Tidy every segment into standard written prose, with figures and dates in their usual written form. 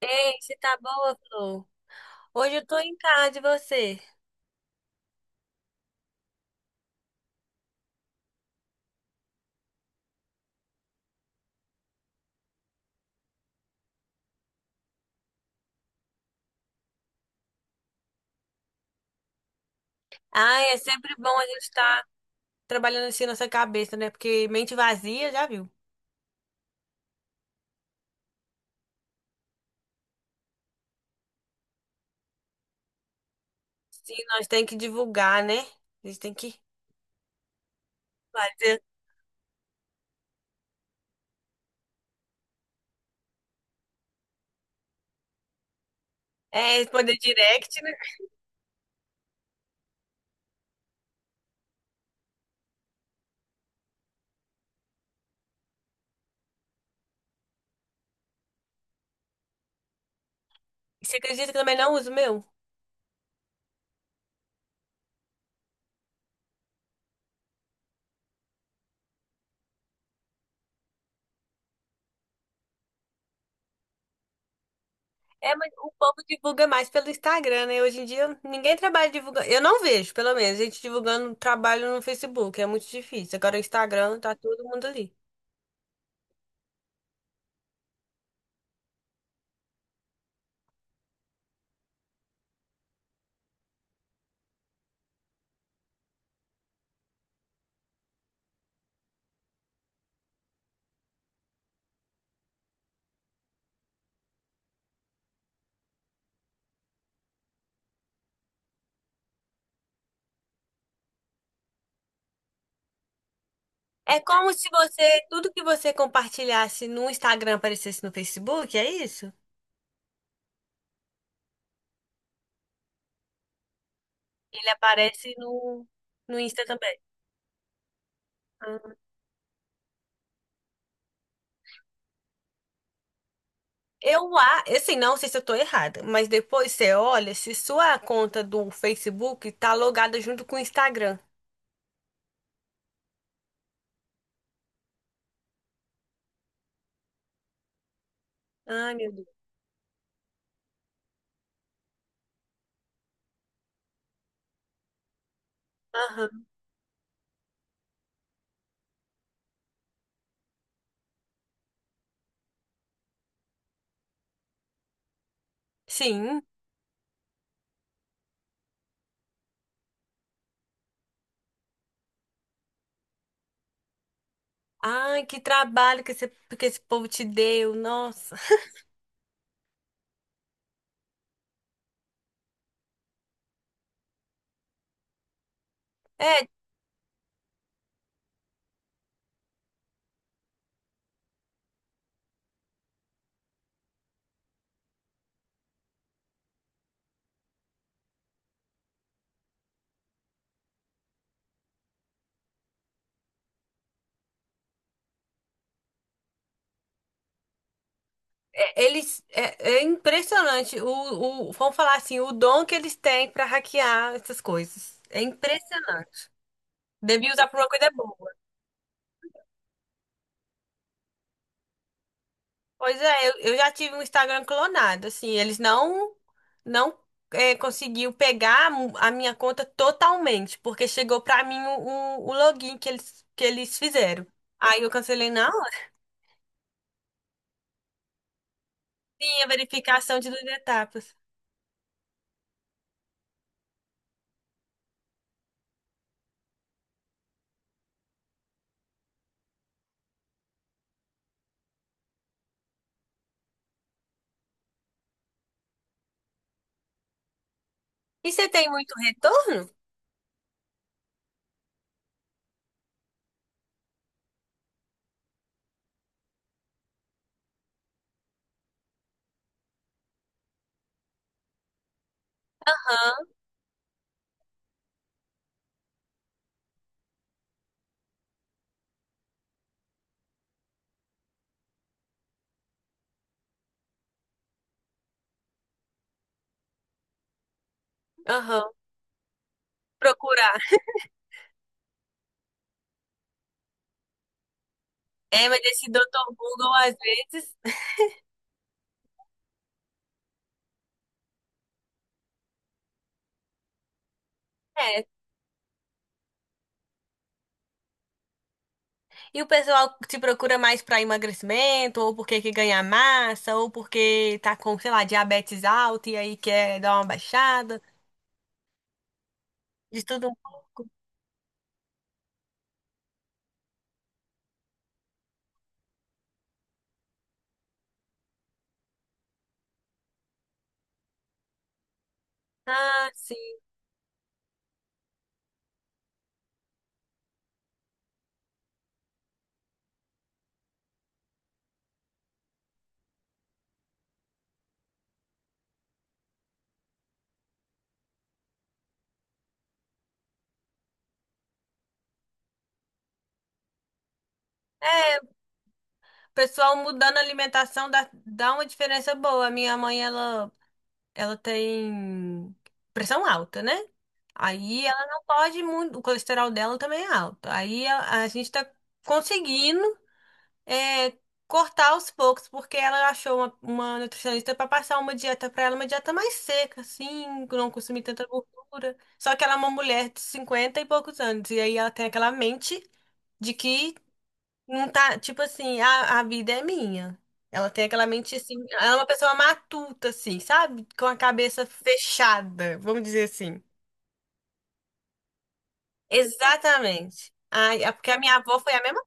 Ei, você tá boa, Flor? Hoje eu tô em casa de você? Ai, é sempre bom a gente estar trabalhando assim nossa cabeça, né? Porque mente vazia, já viu? Sim, nós tem que divulgar, né? A gente tem que fazer, responder direct, né? Você acredita que eu também não uso o meu? É, mas o povo divulga mais pelo Instagram, né? Hoje em dia ninguém trabalha divulgando. Eu não vejo, pelo menos, gente divulgando trabalho no Facebook. É muito difícil. Agora o Instagram tá todo mundo ali. É como se você, tudo que você compartilhasse no Instagram aparecesse no Facebook, é isso? Ele aparece no Insta também. Ah. Eu, assim, não sei se eu tô errada, mas depois você olha se sua conta do Facebook tá logada junto com o Instagram. Ai, meu Deus. Aham. Sim. Ai, que trabalho que esse povo te deu, nossa. É, é, eles, é impressionante vamos falar assim, o dom que eles têm pra hackear essas coisas. É impressionante. Devia usar pra uma coisa boa. Pois é, eu já tive um Instagram clonado, assim, eles não conseguiu pegar a minha conta totalmente, porque chegou pra mim o, o login que eles fizeram. Aí eu cancelei na hora. Sim, a verificação de duas etapas. E você tem muito retorno? Aham. Aham. Procurar. É, mas esse doutor Google às vezes. é, E o pessoal te procura mais para emagrecimento, ou porque quer ganhar massa, ou porque tá com, sei lá, diabetes alta e aí quer dar uma baixada, de tudo um pouco. Ah, sim. É, o pessoal mudando a alimentação dá uma diferença boa. A minha mãe, ela tem pressão alta, né? Aí ela não pode muito, o colesterol dela também é alto. Aí a gente tá conseguindo é, cortar aos poucos, porque ela achou uma nutricionista para passar uma dieta para ela, uma dieta mais seca, assim, que não consumir tanta gordura. Só que ela é uma mulher de 50 e poucos anos, e aí ela tem aquela mente de que não tá, tipo assim, a vida é minha. Ela tem aquela mente assim, ela é uma pessoa matuta, assim, sabe? Com a cabeça fechada, vamos dizer assim. Exatamente. Ai, é porque a minha avó foi a mesma.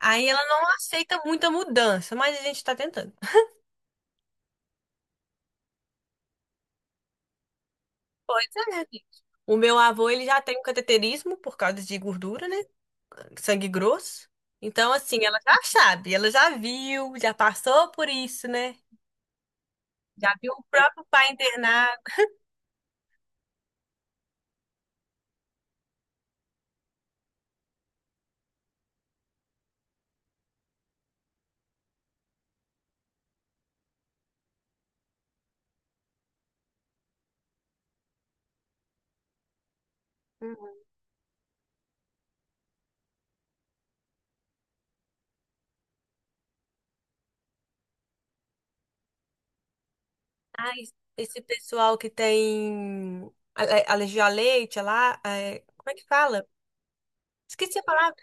Aí ela não aceita muita mudança, mas a gente tá tentando. Pois é, gente. O meu avô, ele já tem um cateterismo por causa de gordura, né? Sangue grosso. Então, assim, ela já sabe, ela já viu, já passou por isso, né? Já viu o próprio pai internado. Uhum. Ai, esse pessoal que tem alergia a leite, lá, como é que fala? Esqueci a palavra.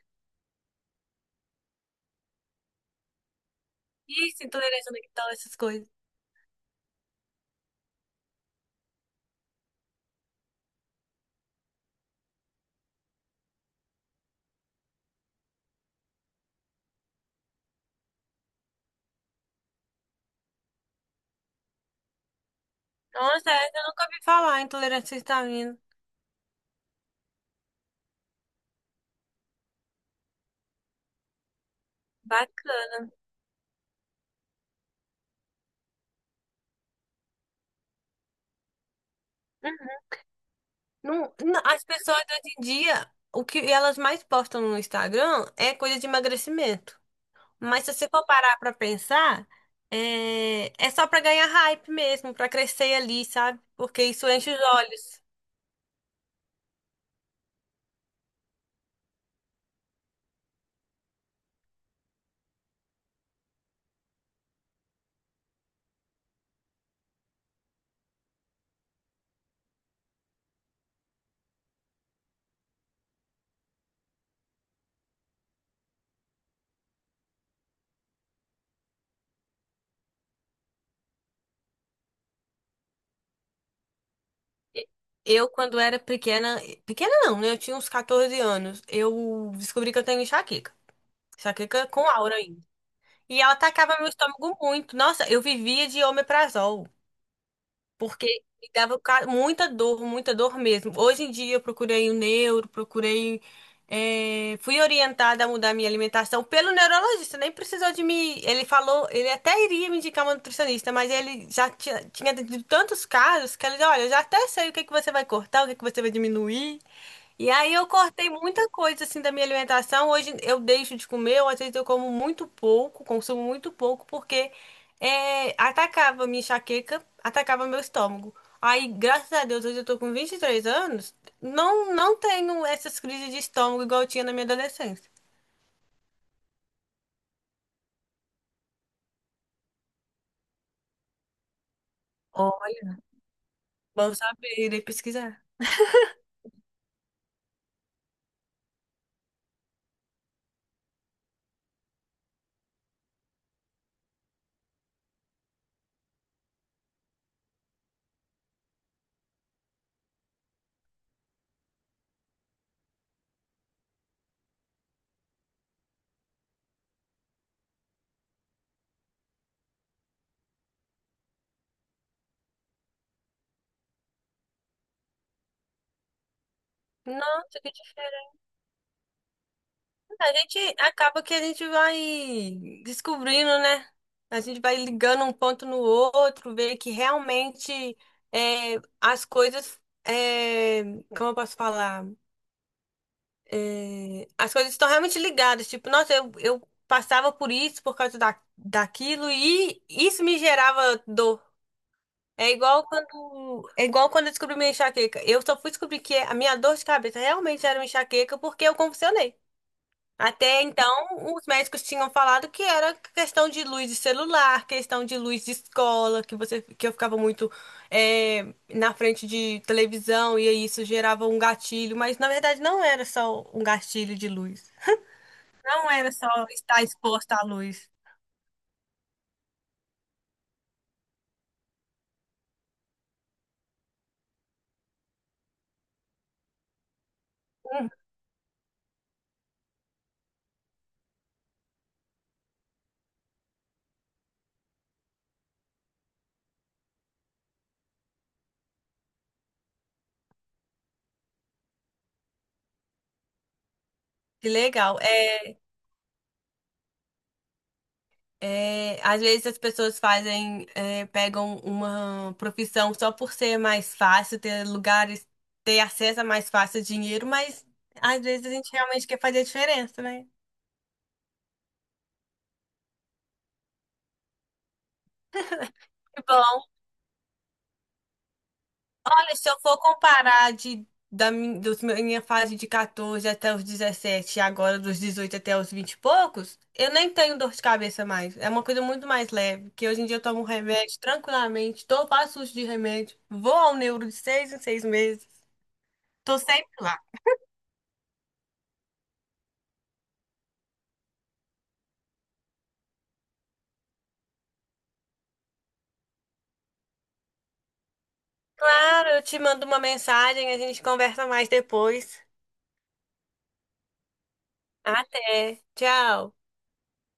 Isso, intolerância à lactose, essas coisas. Nossa, essa eu nunca ouvi falar, intolerância à histamina. Bacana. Não, não, as pessoas hoje em dia, o que elas mais postam no Instagram é coisa de emagrecimento. Mas se você for parar pra pensar, é só pra ganhar hype mesmo, pra crescer ali, sabe? Porque isso enche os olhos. Eu, quando era pequena, pequena não, né? Eu tinha uns 14 anos. Eu descobri que eu tenho enxaqueca. Enxaqueca com aura ainda. E ela atacava meu estômago muito. Nossa, eu vivia de omeprazol. Porque me dava muita dor mesmo. Hoje em dia eu procurei o neuro, procurei. Fui orientada a mudar minha alimentação pelo neurologista, nem precisou de me. Ele falou, ele até iria me indicar uma nutricionista, mas ele já tinha tido tantos casos que ele disse: Olha, eu já até sei o que que você vai cortar, o que que você vai diminuir. E aí eu cortei muita coisa assim da minha alimentação. Hoje eu deixo de comer, ou às vezes eu como muito pouco, consumo muito pouco, porque. É, atacava minha enxaqueca, atacava meu estômago. Aí, graças a Deus, hoje eu tô com 23 anos, não, não tenho essas crises de estômago igual eu tinha na minha adolescência. Olha, bom saber, irei pesquisar. Nossa, que diferença. A gente acaba que a gente vai descobrindo, né? A gente vai ligando um ponto no outro, ver que realmente as coisas, é, como eu posso falar? É, as coisas estão realmente ligadas. Tipo, nossa, eu passava por isso por causa daquilo e isso me gerava dor. É igual quando eu descobri minha enxaqueca. Eu só fui descobrir que a minha dor de cabeça realmente era uma enxaqueca porque eu convulsionei. Até então, os médicos tinham falado que era questão de luz de celular, questão de luz de escola, que eu ficava muito na frente de televisão e aí isso gerava um gatilho, mas na verdade não era só um gatilho de luz. Não era só estar exposta à luz. Que legal. É, às vezes as pessoas pegam uma profissão só por ser mais fácil, ter lugares, ter acesso a mais fácil dinheiro, mas às vezes a gente realmente quer fazer a diferença, né? Que bom. Se eu for comparar de, da min- dos meu- minha fase de 14 até os 17 e agora dos 18 até os 20 e poucos, eu nem tenho dor de cabeça mais. É uma coisa muito mais leve, que hoje em dia eu tomo remédio tranquilamente, faço uso de remédio, vou ao neuro de 6 em 6 meses, tô sempre lá. Claro, eu te mando uma mensagem, a gente conversa mais depois. Até, tchau.